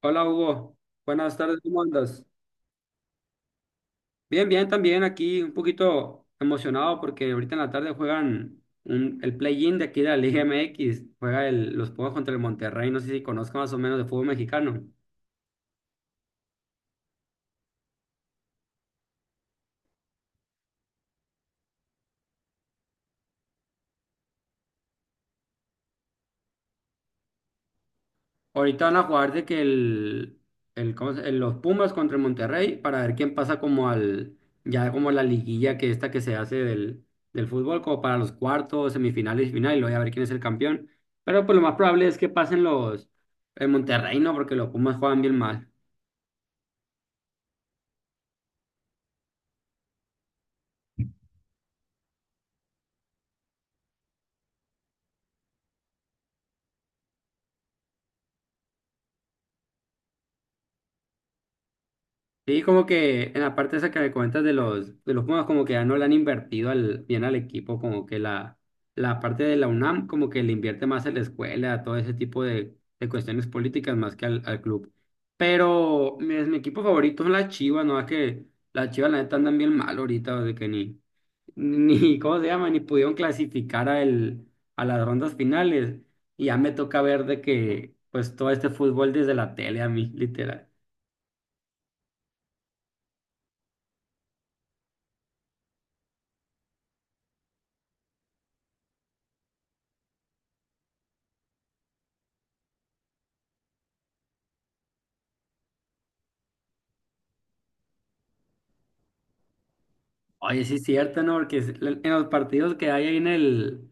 Hola Hugo, buenas tardes, ¿cómo andas? Bien, bien, también aquí un poquito emocionado porque ahorita en la tarde juegan el play-in de aquí de la Liga MX, juega los Pumas contra el Monterrey, no sé si conozco más o menos de fútbol mexicano. Ahorita van a jugar de que el, ¿cómo los Pumas contra el Monterrey para ver quién pasa como al, ya como la liguilla que esta que se hace del fútbol, como para los cuartos, semifinales y final, y luego ya ver quién es el campeón. Pero pues lo más probable es que pasen los, el Monterrey, ¿no? Porque los Pumas juegan bien mal. Sí, como que en la parte esa que me comentas de los Pumas, como que ya no le han invertido al, bien al equipo, como que la parte de la UNAM, como que le invierte más a la escuela, a todo ese tipo de cuestiones políticas más que al club. Pero mi equipo favorito son las Chivas, ¿no? Es que las Chivas, la neta, andan bien mal ahorita, de que ni, ni, ¿cómo se llama? Ni pudieron clasificar a, el, a las rondas finales. Y ya me toca ver de que, pues, todo este fútbol desde la tele a mí, literal. Oye, sí es cierto, ¿no? Porque en los partidos que hay ahí en el,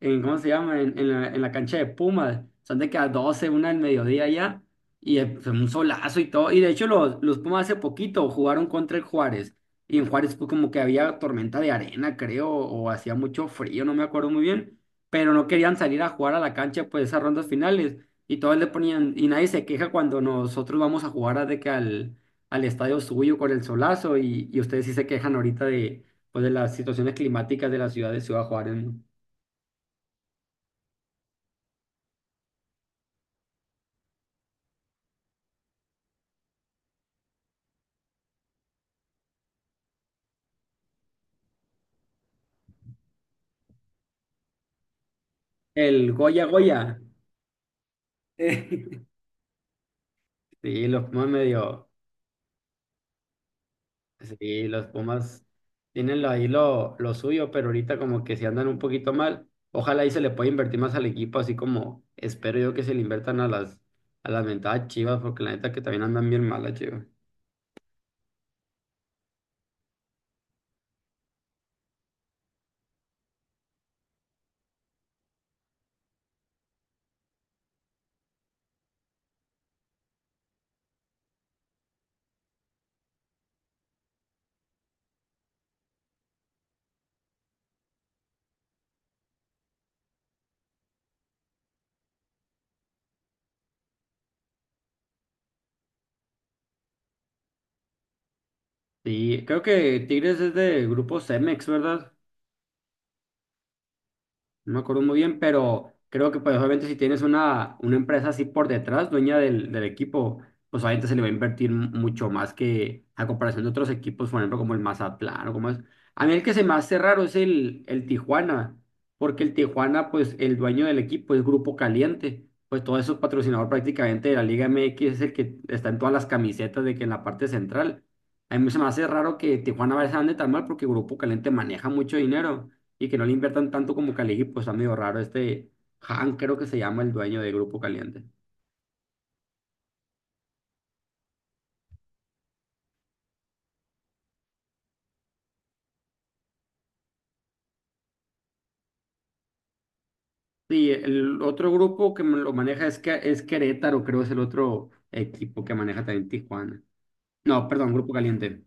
en, ¿cómo se llama? En la cancha de Pumas, son de que a 12 una del mediodía ya, y pues, un solazo y todo. Y de hecho los Pumas hace poquito jugaron contra el Juárez, y en Juárez pues, como que había tormenta de arena, creo, o hacía mucho frío, no me acuerdo muy bien, pero no querían salir a jugar a la cancha pues esas rondas finales, y todos le ponían, y nadie se queja cuando nosotros vamos a jugar a de que al estadio suyo con el solazo y ustedes sí se quejan ahorita de, pues, de las situaciones climáticas de la ciudad de Ciudad Juárez, ¿no? El Goya Goya. Sí, los Pumas medio, sí, los Pumas tienen ahí lo suyo, pero ahorita como que se andan un poquito mal. Ojalá ahí se le pueda invertir más al equipo, así como espero yo que se le inviertan a las mentadas Chivas, porque la neta que también andan bien mal las Chivas. Sí, creo que Tigres es de grupo Cemex, ¿verdad? No me acuerdo muy bien, pero creo que pues obviamente si tienes una empresa así por detrás, dueña del equipo, pues obviamente se le va a invertir mucho más que a comparación de otros equipos, por ejemplo, como el Mazatlán o como es. A mí el que se me hace raro es el Tijuana, porque el Tijuana, pues el dueño del equipo es Grupo Caliente, pues todo eso es patrocinador prácticamente de la Liga MX, es el que está en todas las camisetas de que en la parte central. A mí se me hace raro que Tijuana vaya a andar tan mal porque Grupo Caliente maneja mucho dinero y que no le inviertan tanto como que al equipo. Está medio raro este Han, creo que se llama el dueño de Grupo Caliente. Sí, el otro grupo que me lo maneja es, que, es Querétaro, creo es el otro equipo que maneja también Tijuana. No, perdón, Grupo Caliente.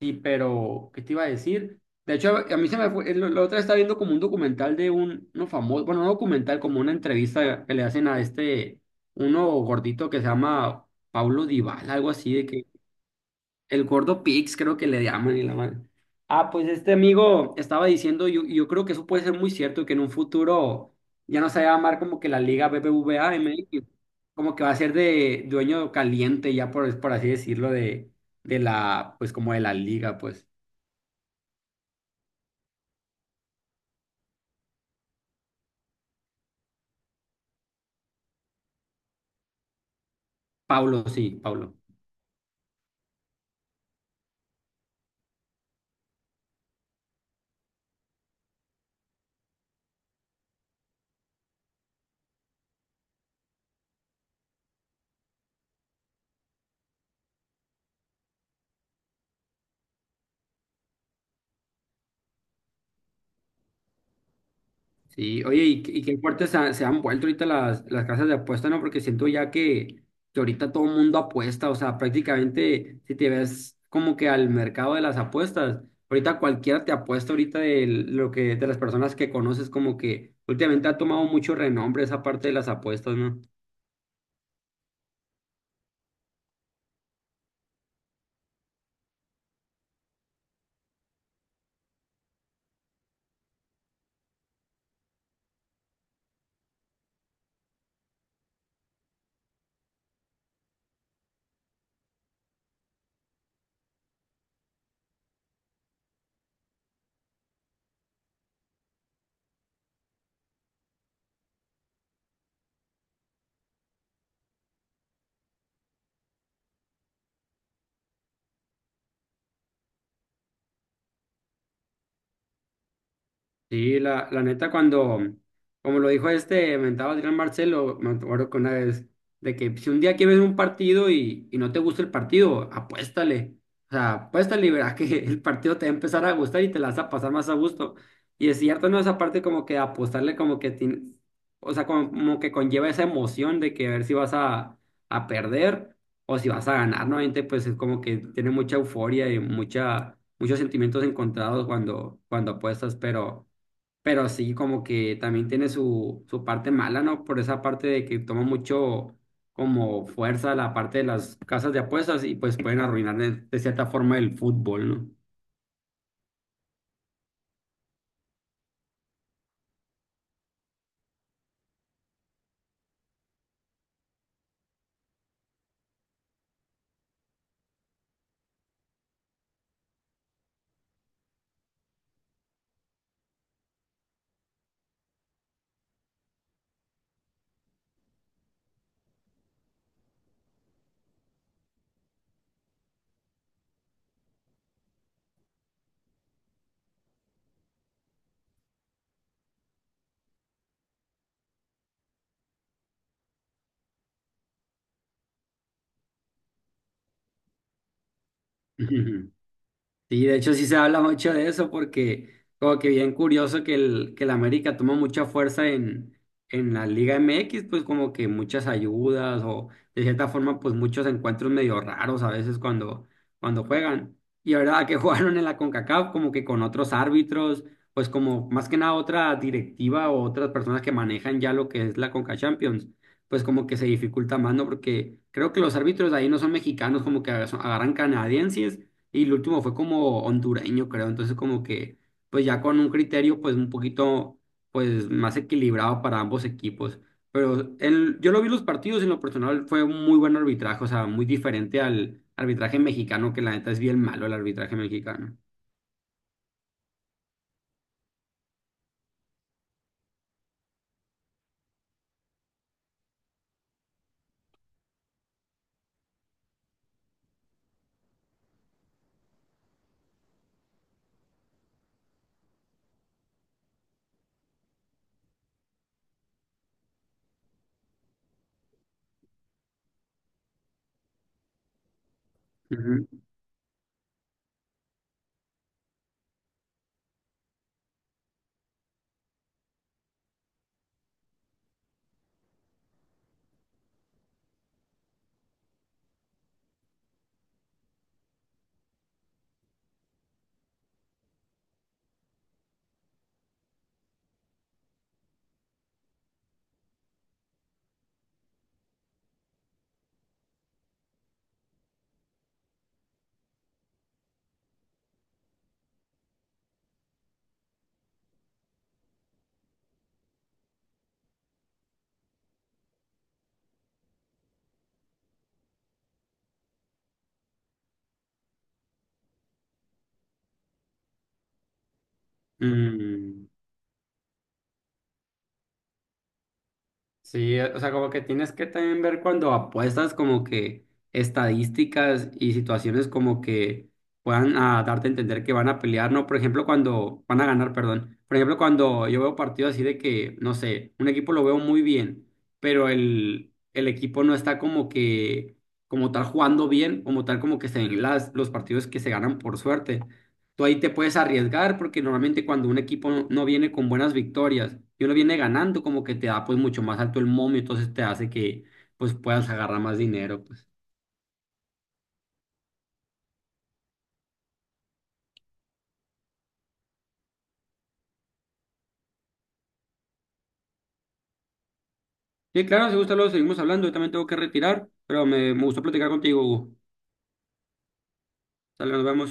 Sí, pero, ¿qué te iba a decir? De hecho, a mí se me fue, la otra estaba viendo como un documental de un, uno famoso, bueno, no documental, como una entrevista que le hacen a este, uno gordito que se llama Pablo Dybala, algo así, de que el gordo Pix, creo que le llaman y la madre. Ah, pues este amigo estaba diciendo, yo creo que eso puede ser muy cierto, que en un futuro ya no se va a llamar como que la Liga BBVA MX, como que va a ser de dueño caliente, ya por así decirlo, de la, pues como de la liga, pues. Pablo. Sí, oye, y qué fuertes se, se han vuelto ahorita las casas de apuesta, ¿no? Porque siento ya que ahorita todo el mundo apuesta, o sea, prácticamente si te ves como que al mercado de las apuestas, ahorita cualquiera te apuesta ahorita de lo que, de las personas que conoces, como que últimamente ha tomado mucho renombre esa parte de las apuestas, ¿no? Sí, la neta, cuando, como lo dijo este mentado Adrián Marcelo, me acuerdo que una vez, de que si un día quieres un partido y no te gusta el partido, apuéstale. O sea, apuéstale y verás que el partido te va a empezar a gustar y te la vas a pasar más a gusto. Y es cierto, ¿no? Esa parte como que apostarle como que tiene, o sea, como, como que conlleva esa emoción de que a ver si vas a perder o si vas a ganar, ¿no? Gente, pues es como que tiene mucha euforia y mucha, muchos sentimientos encontrados cuando apuestas, pero... Pero sí, como que también tiene su, su parte mala, ¿no? Por esa parte de que toma mucho como fuerza la parte de las casas de apuestas y pues pueden arruinar de cierta forma el fútbol, ¿no? Sí, de hecho sí se habla mucho de eso porque como que bien curioso que el América toma mucha fuerza en la Liga MX, pues como que muchas ayudas o de cierta forma pues muchos encuentros medio raros a veces cuando juegan. Y ahora que jugaron en la CONCACAF como que con otros árbitros, pues como más que nada otra directiva o otras personas que manejan ya lo que es la Conca Champions, pues como que se dificulta más, ¿no? Porque creo que los árbitros de ahí no son mexicanos, como que agarran canadienses y el último fue como hondureño, creo. Entonces, como que, pues ya con un criterio, pues un poquito, pues más equilibrado para ambos equipos. Pero yo lo vi los partidos, en lo personal fue un muy buen arbitraje, o sea, muy diferente al arbitraje mexicano, que la neta es bien malo el arbitraje mexicano. Ujú. Mm, Sí, o sea, como que tienes que también ver cuando apuestas como que estadísticas y situaciones como que puedan darte a entender que van a pelear, ¿no? Por ejemplo, cuando van a ganar, perdón. Por ejemplo, cuando yo veo partidos así de que, no sé, un equipo lo veo muy bien, pero el equipo no está como que, como tal jugando bien, como tal como que se ven las, los partidos que se ganan por suerte. Tú ahí te puedes arriesgar porque normalmente cuando un equipo no viene con buenas victorias y uno viene ganando, como que te da pues mucho más alto el momio, entonces te hace que pues puedas agarrar más dinero, pues. Sí, claro, si gusta luego seguimos hablando, yo también tengo que retirar, pero me gustó platicar contigo, Hugo. Sale, nos vemos.